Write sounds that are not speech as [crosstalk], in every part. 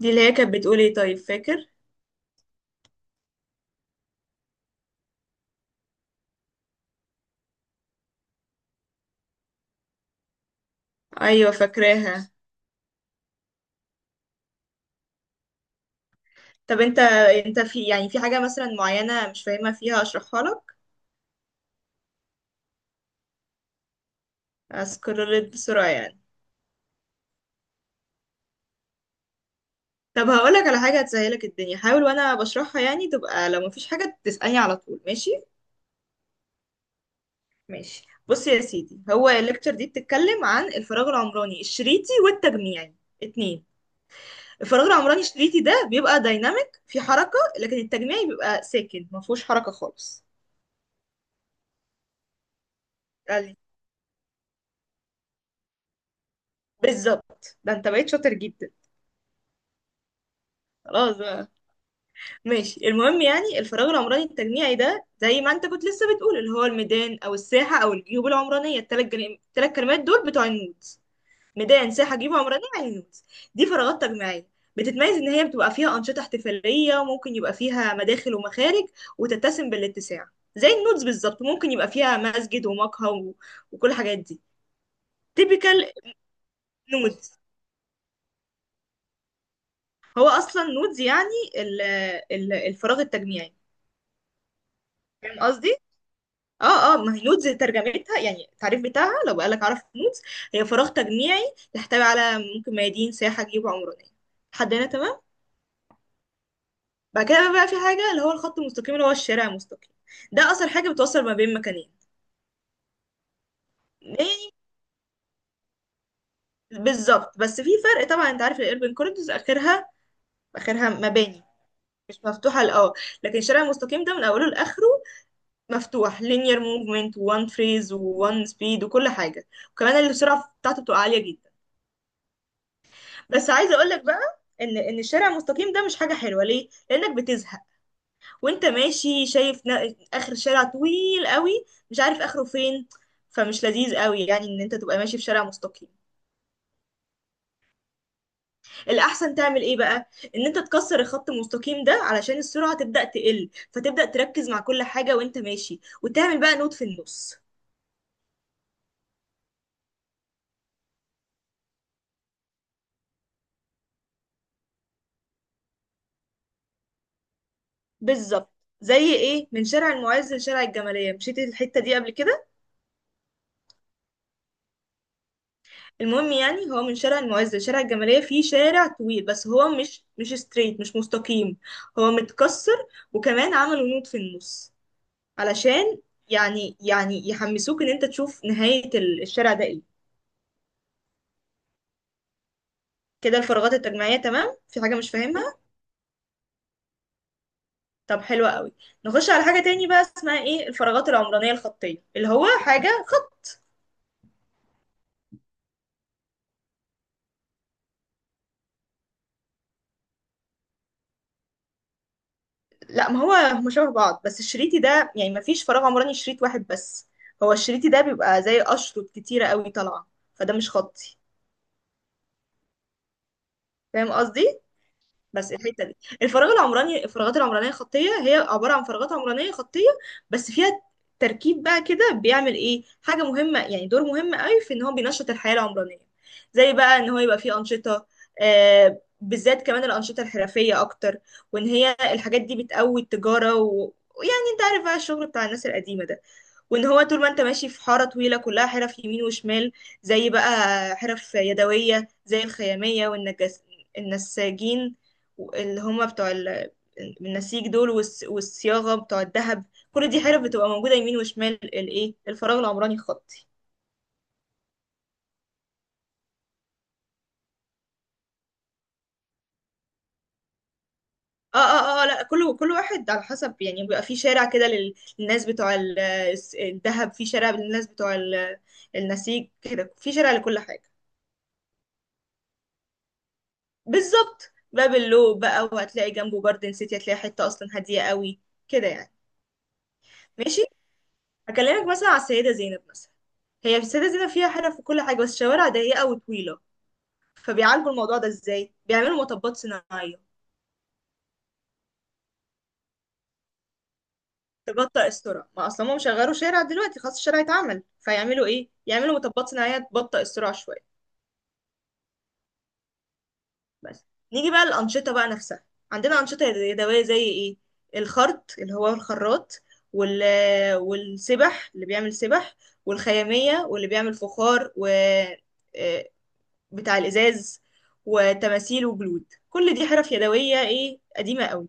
دي اللي هي كانت بتقول ايه؟ طيب، فاكر؟ ايوه فاكراها. طب انت، انت في حاجه مثلا معينه مش فاهمها فيها اشرحها لك؟ اسكرولت بسرعه طب هقول لك على حاجه هتسهلك الدنيا، حاول وانا بشرحها تبقى لو مفيش حاجه تسالني على طول، ماشي؟ ماشي، بص يا سيدي، هو الليكتشر دي بتتكلم عن الفراغ العمراني الشريطي والتجميعي. اتنين. الفراغ العمراني الشريطي ده بيبقى دايناميك في حركه، لكن التجميعي بيبقى ساكن مفهوش حركه خالص. قال لي بالظبط، ده انت بقيت شاطر جدا. خلاص بقى. ماشي، المهم الفراغ العمراني التجميعي ده زي ما انت كنت لسه بتقول، اللي هو الميدان او الساحه او الجيوب العمرانيه، الثلاث كلمات دول بتوع النودز. ميدان، ساحه، جيوب عمرانيه، يعني النودز. دي فراغات تجميعيه، بتتميز ان هي بتبقى فيها انشطه احتفاليه، وممكن يبقى فيها مداخل ومخارج، وتتسم بالاتساع. زي النودز بالظبط، ممكن يبقى فيها مسجد ومقهى وكل الحاجات دي. تيبيكال نودز. هو اصلا نودز يعني ال... الفراغ التجميعي. فاهم قصدي؟ اه اه، ما هي نودز ترجمتها التعريف بتاعها، لو قالك عرف نودز، هي فراغ تجميعي يحتوي على ممكن ميادين، سياحة، جيوب عمرانية. لحد هنا تمام؟ بعد كده بقى في حاجة اللي هو الخط المستقيم، اللي هو الشارع المستقيم. ده أصلا حاجة بتوصل ما بين مكانين. يعني بالظبط، بس في فرق طبعا، انت عارف الاربن كوريدورز اخرها، اخرها مباني، مش مفتوحة لأه. لكن الشارع المستقيم ده من أوله لآخره مفتوح، linear movement، وان فريز وان سبيد وكل حاجة. وكمان السرعة بتاعته بتبقى عالية جدا. بس عايزه اقول لك بقى ان الشارع المستقيم ده مش حاجه حلوه، ليه؟ لانك بتزهق وانت ماشي، شايف اخر شارع طويل قوي مش عارف اخره فين، فمش لذيذ قوي يعني ان انت تبقى ماشي في شارع مستقيم. الاحسن تعمل ايه بقى؟ ان انت تكسر الخط المستقيم ده علشان السرعه تبدا تقل، فتبدا تركز مع كل حاجه وانت ماشي، وتعمل بقى نوت في النص. بالظبط. زي ايه؟ من شارع المعز لشارع الجماليه، مشيت الحته دي قبل كده؟ المهم، هو من شارع المعز لشارع الجمالية فيه شارع طويل، بس هو مش ستريت، مش مستقيم، هو متكسر. وكمان عملوا نوت في النص علشان يعني يحمسوك ان انت تشوف نهاية الشارع ده ايه. كده الفراغات التجميعية تمام، في حاجة مش فاهمها؟ طب حلوة قوي. نخش على حاجة تاني بقى، اسمها ايه؟ الفراغات العمرانية الخطية، اللي هو حاجة خط. لا، ما هو هما شبه بعض، بس الشريطي ده يعني ما فيش فراغ عمراني شريط واحد بس، هو الشريطي ده بيبقى زي أشرط كتيرة قوي طالعة، فده مش خطي. فاهم قصدي؟ بس الحته دي، الفراغات العمرانيه خطيه، هي عباره عن فراغات عمرانيه خطيه، بس فيها تركيب بقى كده بيعمل ايه حاجه مهمه، يعني دور مهم قوي، في ان هو بينشط الحياه العمرانيه. زي بقى ان هو يبقى فيه انشطه، آه، بالذات كمان الانشطه الحرفيه اكتر، وان هي الحاجات دي بتقوي التجاره ويعني انت عارف بقى الشغل بتاع الناس القديمه ده. وان هو طول ما انت ماشي في حاره طويله كلها حرف يمين وشمال، زي بقى حرف يدويه زي الخياميه، والنجس، النساجين، اللي هم بتوع النسيج دول، والصياغه بتوع الذهب. كل دي حرف بتبقى موجوده يمين وشمال الايه، الفراغ العمراني الخطي. اه اه اه، لا، كل واحد على حسب، يعني بيبقى في شارع كده للناس بتوع الذهب، في شارع للناس بتوع النسيج كده، في شارع لكل حاجه. بالظبط، باب اللو بقى، وهتلاقي جنبه جاردن سيتي، هتلاقي حته اصلا هاديه قوي كده يعني. ماشي. هكلمك مثلا على السيده زينب مثلا. هي في السيده زينب فيها حرف وكل حاجه، بس شوارع ضيقه وطويله، فبيعالجوا الموضوع ده ازاي؟ بيعملوا مطبات صناعيه تبطئ السرعه. ما اصلا هم شغلوا شارع دلوقتي، خلاص الشارع اتعمل، فيعملوا ايه؟ يعملوا مطبات صناعيه تبطئ السرعه شويه. بس، نيجي بقى الأنشطة بقى نفسها. عندنا أنشطة يدوية زي إيه؟ الخرط، اللي هو الخراط، وال... والسبح اللي بيعمل سبح، والخيامية، واللي بيعمل فخار، و آه، بتاع الإزاز، وتماثيل، وجلود. كل دي حرف يدوية إيه، قديمة قوي.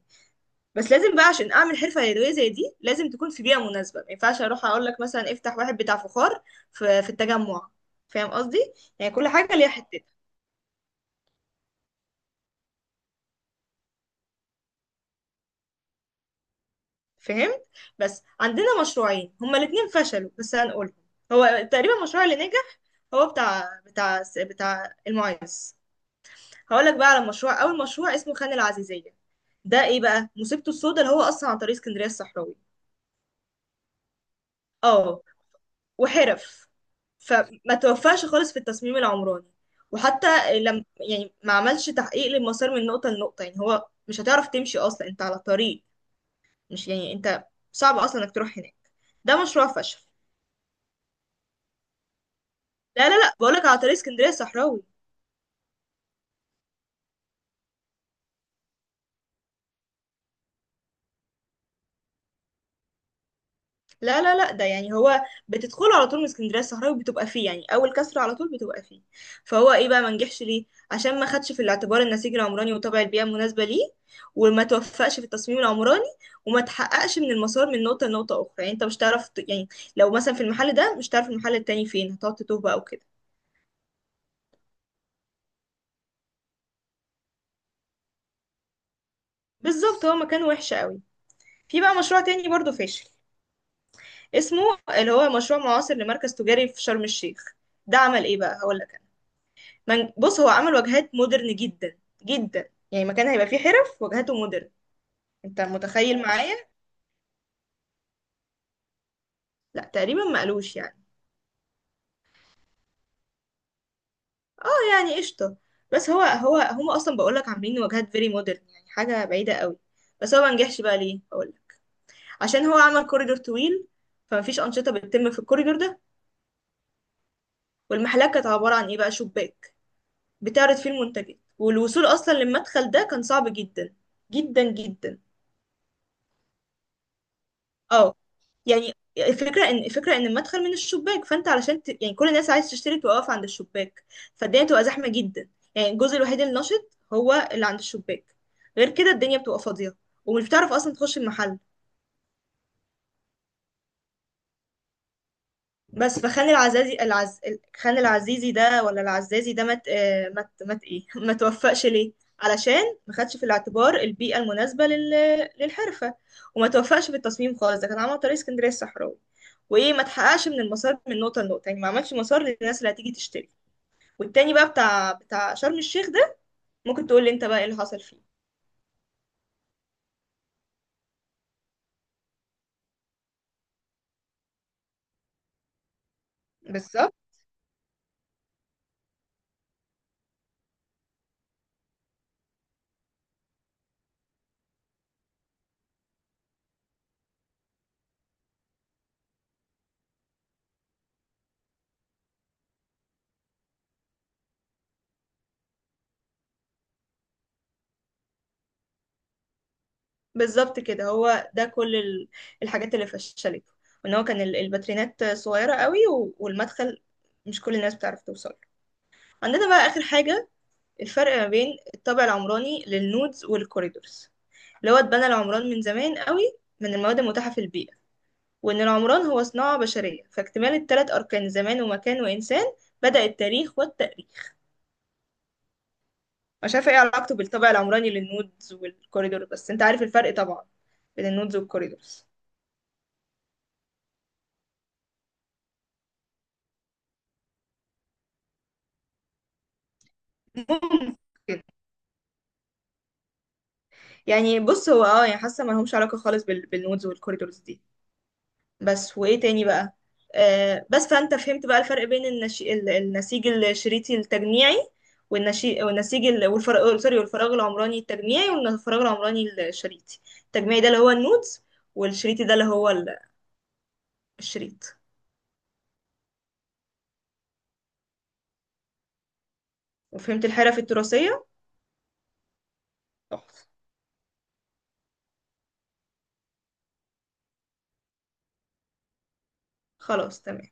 بس لازم بقى عشان أعمل حرفة يدوية زي دي، لازم تكون في بيئة مناسبة، ما ينفعش أروح أقول لك مثلا افتح واحد بتاع فخار في التجمع. فاهم قصدي؟ يعني كل حاجة ليها حتتها. فهمت؟ بس عندنا مشروعين هما الاتنين فشلوا، بس هنقولهم. هو تقريبا المشروع اللي نجح هو بتاع بتاع المعيز. هقولك بقى على مشروع، اول مشروع اسمه خان العزيزية. ده ايه بقى مصيبته السوداء؟ اللي هو اصلا عن طريق اسكندرية الصحراوي، اه، وحرف. فما توفقش خالص في التصميم العمراني، وحتى لم، يعني ما عملش تحقيق للمسار من نقطة لنقطة، يعني هو مش هتعرف تمشي اصلا انت على طريق، مش انت، صعب اصلا انك تروح هناك. ده مشروع فشل. لا لا لا، بقولك على طريق اسكندريه الصحراوي. لا لا لا، ده يعني هو بتدخله على طول من اسكندريه الصحراوي، بتبقى فيه يعني اول كسر على طول بتبقى فيه. فهو ايه بقى ما نجحش ليه؟ عشان ما خدش في الاعتبار النسيج العمراني، وطبع البيئه المناسبه ليه، وما توفقش في التصميم العمراني، وما تحققش من المسار من نقطه لنقطه اخرى، يعني انت مش تعرف يعني لو مثلا في المحل ده، مش تعرف المحل التاني فين، هتقعد تتوه بقى وكده. بالظبط. هو مكان وحش قوي. في بقى مشروع تاني برضه فاشل، اسمه اللي هو مشروع معاصر لمركز تجاري في شرم الشيخ. ده عمل ايه بقى؟ هقول بص، هو عمل واجهات مودرن جدا جدا، يعني مكان هيبقى فيه حرف واجهاته مودرن. انت متخيل معايا؟ لا تقريبا ما قالوش يعني. آه يعني قشطه. بس هو هو هم اصلا بقول لك عاملين واجهات فيري مودرن، يعني حاجه بعيده قوي. بس هو ما نجحش بقى ليه؟ اقول لك، عشان هو عمل كوريدور طويل، فمفيش انشطه بتتم في الكوريدور ده. والمحلات كانت عباره عن ايه بقى؟ شباك بتعرض فيه المنتجات، والوصول اصلا للمدخل ده كان صعب جدا جدا جدا. اه. يعني الفكرة ان المدخل من الشباك، فانت علشان يعني كل الناس عايز تشتري توقف عند الشباك، فالدنيا بتبقى زحمة جدا. يعني الجزء الوحيد النشط هو اللي عند الشباك، غير كده الدنيا بتبقى فاضية، ومش بتعرف اصلا تخش المحل. بس فخان خان العزيزي ده ولا العزازي ده مت مت ايه [laughs] ما توفقش ليه؟ علشان ما خدش في الاعتبار البيئة المناسبة للحرفة، وما توفقش في التصميم خالص، ده كان عمل طريق اسكندرية الصحراوي، وايه، ما تحققش من المسار من نقطة لنقطة، يعني ما عملش مسار للناس اللي هتيجي تشتري. والتاني بقى بتاع شرم الشيخ ده، ممكن تقول لي انت بقى ايه اللي حصل فيه؟ بالظبط. بالظبط، هو ده كل الحاجات اللي فشلته، وان هو كان الباترينات صغيرة قوي، والمدخل مش كل الناس بتعرف توصل له. عندنا بقى آخر حاجة، الفرق ما بين الطابع العمراني للنودز والكوريدورز. اللي هو اتبنى العمران من زمان قوي من المواد المتاحة في البيئة، وإن العمران هو صناعة بشرية، فاكتمال التلات أركان زمان ومكان وإنسان بدأ التاريخ والتأريخ. مش عارفة ايه علاقته بالطابع العمراني للنودز والكوريدور، بس انت عارف الفرق طبعا بين النودز والكوريدورز. [laughs] يعني بص، هو اه يعني حاسه ما لهمش علاقه خالص بالنودز والكوريدورز دي. بس وايه تاني بقى؟ آه بس، فانت فهمت بقى الفرق بين النسيج الشريطي التجميعي، والنشي... والنسيج ال... والفراغ سوري والفراغ العمراني التجميعي والفراغ العمراني الشريطي. التجميعي ده اللي هو النودز، والشريطي ده اللي هو الشريط. وفهمت الحرف التراثيه؟ صح. خلاص، تمام.